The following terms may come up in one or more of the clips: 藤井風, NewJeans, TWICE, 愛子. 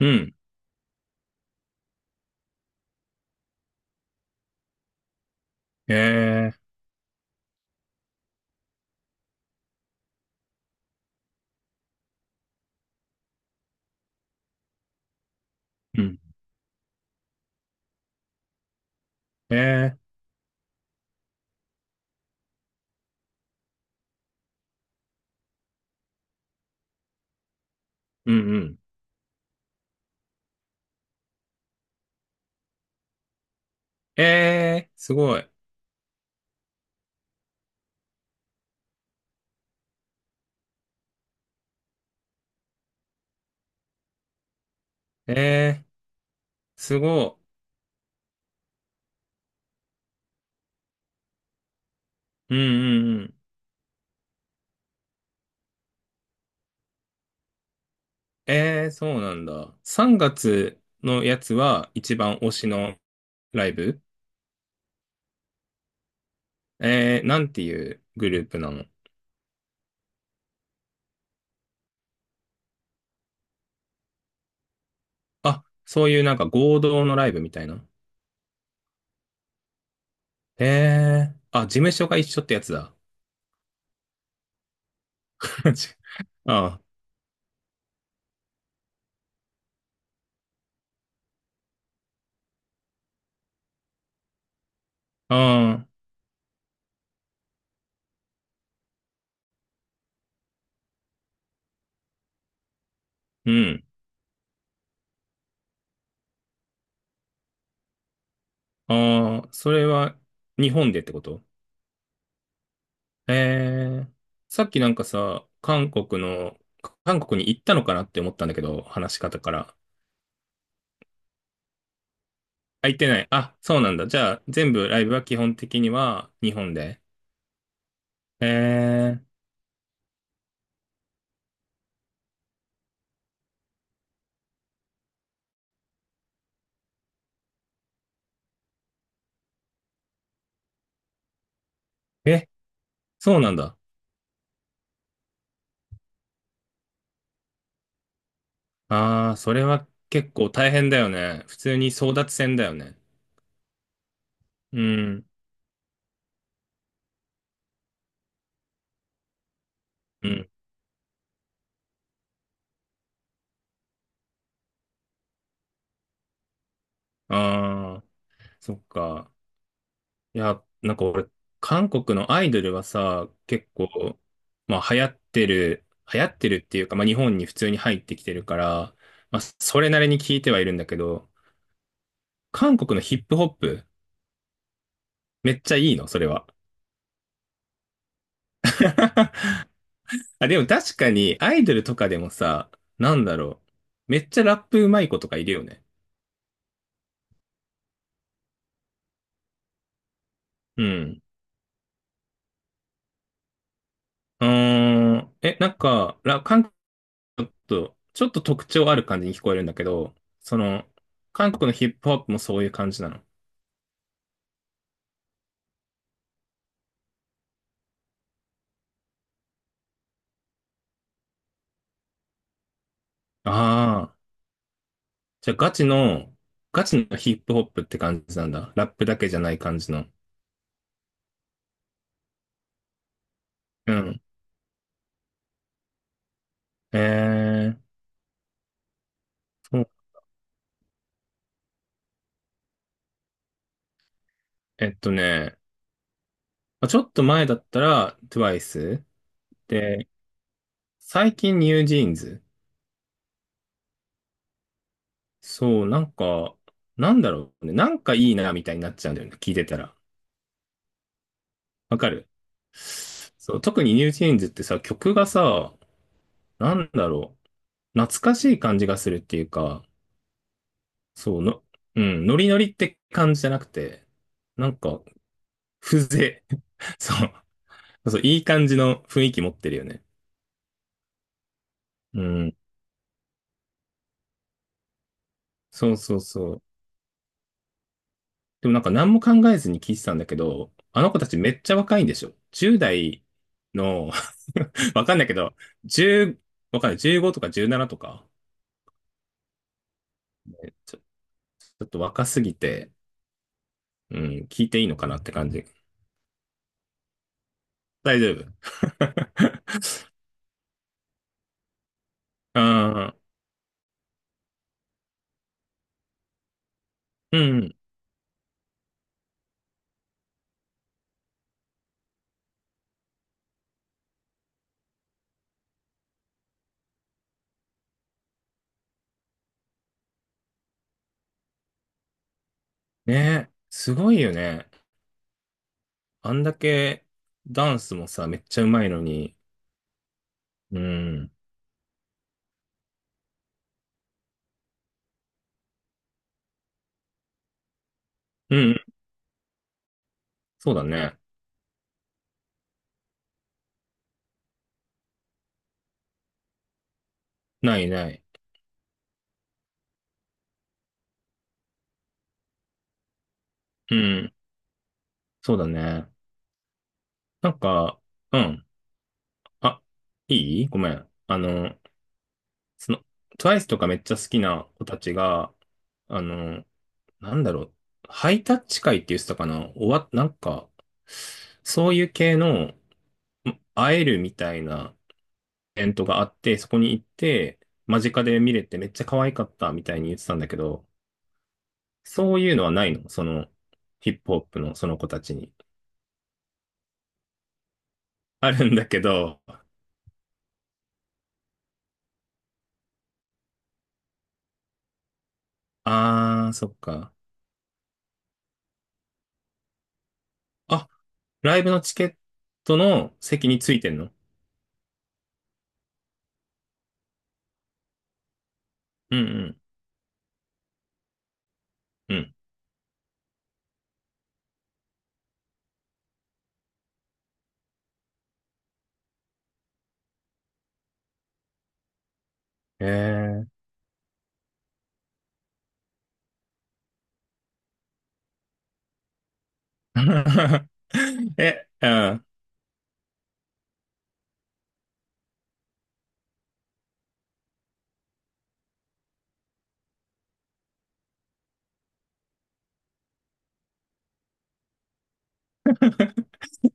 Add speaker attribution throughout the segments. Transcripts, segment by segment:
Speaker 1: うん。ええ、うん。ええ、うんうん。ええ、すごい。ええ、すごい。うんうんうん。ええ、そうなんだ。3月のやつは一番推しのライブ？ええ、なんていうグループなの？あ、そういうなんか合同のライブみたいな。ええ、あ、事務所が一緒ってやつだ。ちああ、ああ、うん。ああ、それは日本でってこと？えー、さっきなんかさ、韓国に行ったのかなって思ったんだけど、話し方から。あ、行ってない。あ、そうなんだ。じゃあ、全部ライブは基本的には日本で。ええ、そうなんだ。あー、それは結構大変だよね。普通に争奪戦だよね。うん、うん。あー、そっか。いや、なんか俺、韓国のアイドルはさ、結構、まあ流行ってるっていうか、まあ日本に普通に入ってきてるから、まあそれなりに聞いてはいるんだけど、韓国のヒップホップ、めっちゃいいの、それは？あ、でも確かにアイドルとかでもさ、なんだろう。めっちゃラップうまい子とかいるよね。うん。うーん。え、なんか、韓国、ちょっと特徴ある感じに聞こえるんだけど、その、韓国のヒップホップもそういう感じなの？ああ、じゃあガチのヒップホップって感じなんだ。ラップだけじゃない感じの。うん。えー、そう、えっとね、まあちょっと前だったら TWICE で、最近ニュージーンズ。そう、なんか、なんだろうね。なんかいいなみたいになっちゃうんだよね。聞いてたら。わかる？そう、特にニュージーンズってさ、曲がさ、なんだろう。懐かしい感じがするっていうか、そうの、うん、ノリノリって感じじゃなくて、なんか、風情。そう。そう、いい感じの雰囲気持ってるよね。うん。そうそうそう。でもなんか何も考えずに聞いてたんだけど、あの子たちめっちゃ若いんでしょ？ 10 代の わかんないけど、1わかんない。15とか17とか。ね、ちょっと若すぎて、うん、聞いていいのかなって感じ。大丈夫。ああ、うん。ね、すごいよね。あんだけダンスもさ、めっちゃうまいのに。うん。うん、そうだね。ないない。うん。そうだね。なんか、うん。あ、いい、ごめん。その、TWICE とかめっちゃ好きな子たちが、あの、なんだろう。ハイタッチ会って言ってたかな、終わっ、なんか、そういう系の、会えるみたいなイベントがあって、そこに行って、間近で見れてめっちゃ可愛かったみたいに言ってたんだけど、そういうのはないの？その、ヒップホップのその子たちに。あるんだけど、あー、そっか。あ、ライブのチケットの席についてんの？うんうん、うん。えー。え、うん。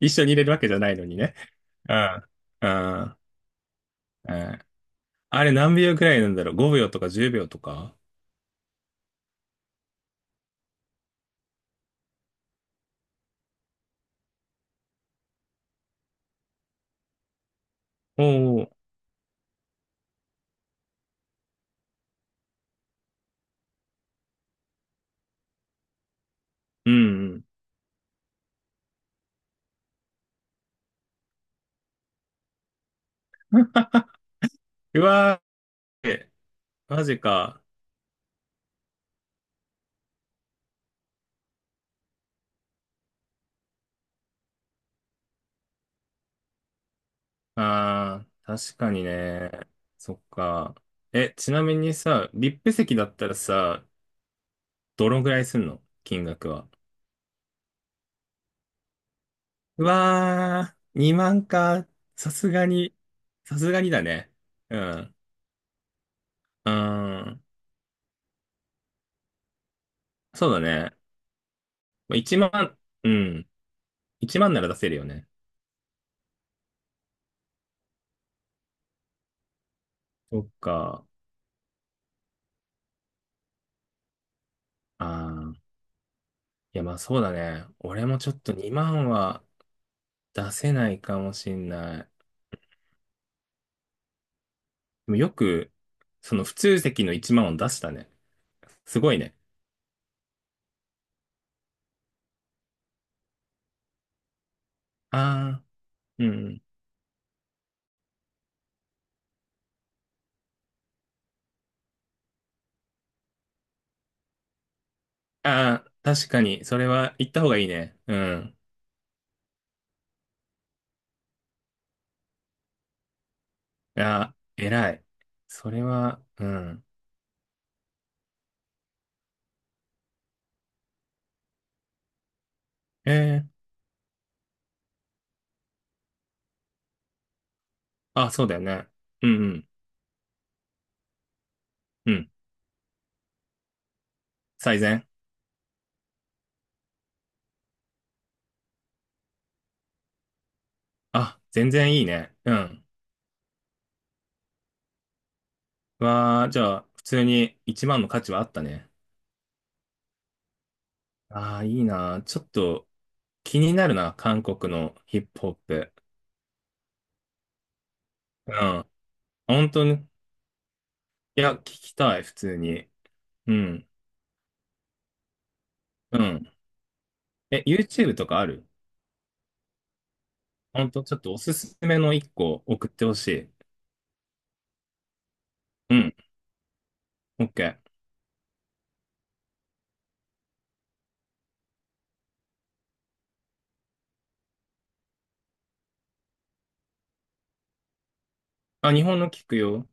Speaker 1: 一緒に入れるわけじゃないのにね。うん、うん、うん。あれ何秒くらいなんだろう？ 5 秒とか10秒とか？おお、うん、うん。うわー、え、マジか。ああ、確かにね。そっか。え、ちなみにさ、VIP 席だったらさ、どのぐらいすんの、金額は？うわー、2万か。さすがに、さすがにだね。うん。うーん。そうだね。まあ1万、うん。1万なら出せるよね。そっか。あー。いや、まあそうだね。俺もちょっと2万は出せないかもしんない。でもよく、その普通席の1万を出したね。すごいね。あー、うん。あー、確かに、それは言った方がいいね。うん。ああ、偉い。それは、うん。ええ、あ、そうだよね。うんうん。うん。最善。あ、全然いいね。うん。わあ、じゃあ、普通に1万の価値はあったね。ああ、いいな。ちょっと気になるな。韓国のヒップホップ。うん。本当に。いや、聞きたい、普通に。うん。うん。え、YouTube とかある？本当ちょっとおすすめの1個送ってほしい。うん。OK。あ、日本の聞くよ。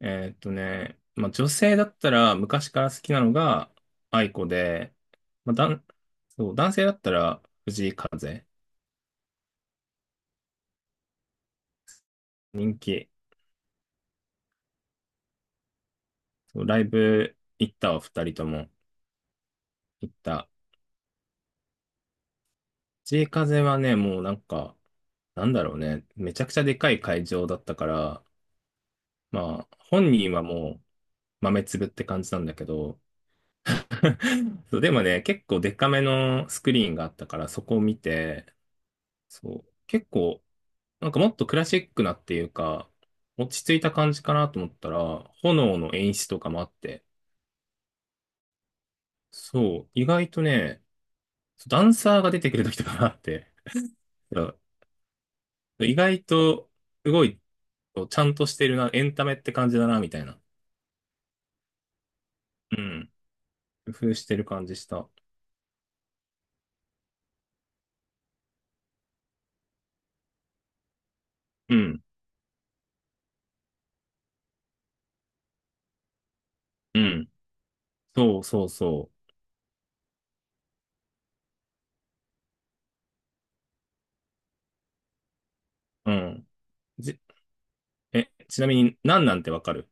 Speaker 1: まあ、女性だったら昔から好きなのが愛子で、まあ、そう、男性だったら藤井風、人気。そう、ライブ行ったわ、二人とも行った。藤井風はね、もうなんか、なんだろうね、めちゃくちゃでかい会場だったから、まあ、本人はもう豆粒って感じなんだけど、そう、でもね、結構でかめのスクリーンがあったから、そこを見て、そう、結構なんかもっとクラシックなっていうか、落ち着いた感じかなと思ったら、炎の演出とかもあって、そう、意外とね、ダンサーが出てくる時とかもあって、そう意外と、すごい、ちゃんとしてるな、エンタメって感じだな、みたいな。うん。工夫してる感じした。うん。うん。そうそうそう。うん。じ、え、ちなみに、なんなんてわかる？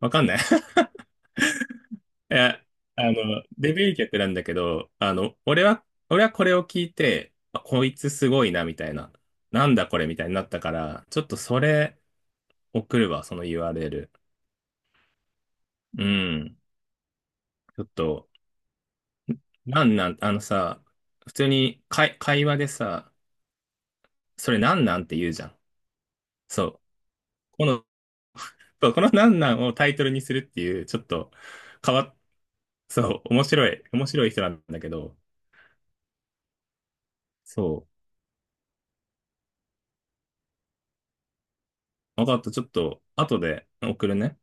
Speaker 1: わかんない？ いや、あの、デビュー曲なんだけど、俺はこれを聞いて、あ、こいつすごいな、みたいな。なんだこれ、みたいになったから、ちょっとそれ送るわ、その URL。うん。ちょっと、なんなん、あのさ、普通に会話でさ、それなんなんって言うじゃん。そう。この、そう、このなんなんをタイトルにするっていう、ちょっと変わっ、そう、面白い人なんだけど、そう。わかった、ちょっと、後で送るね。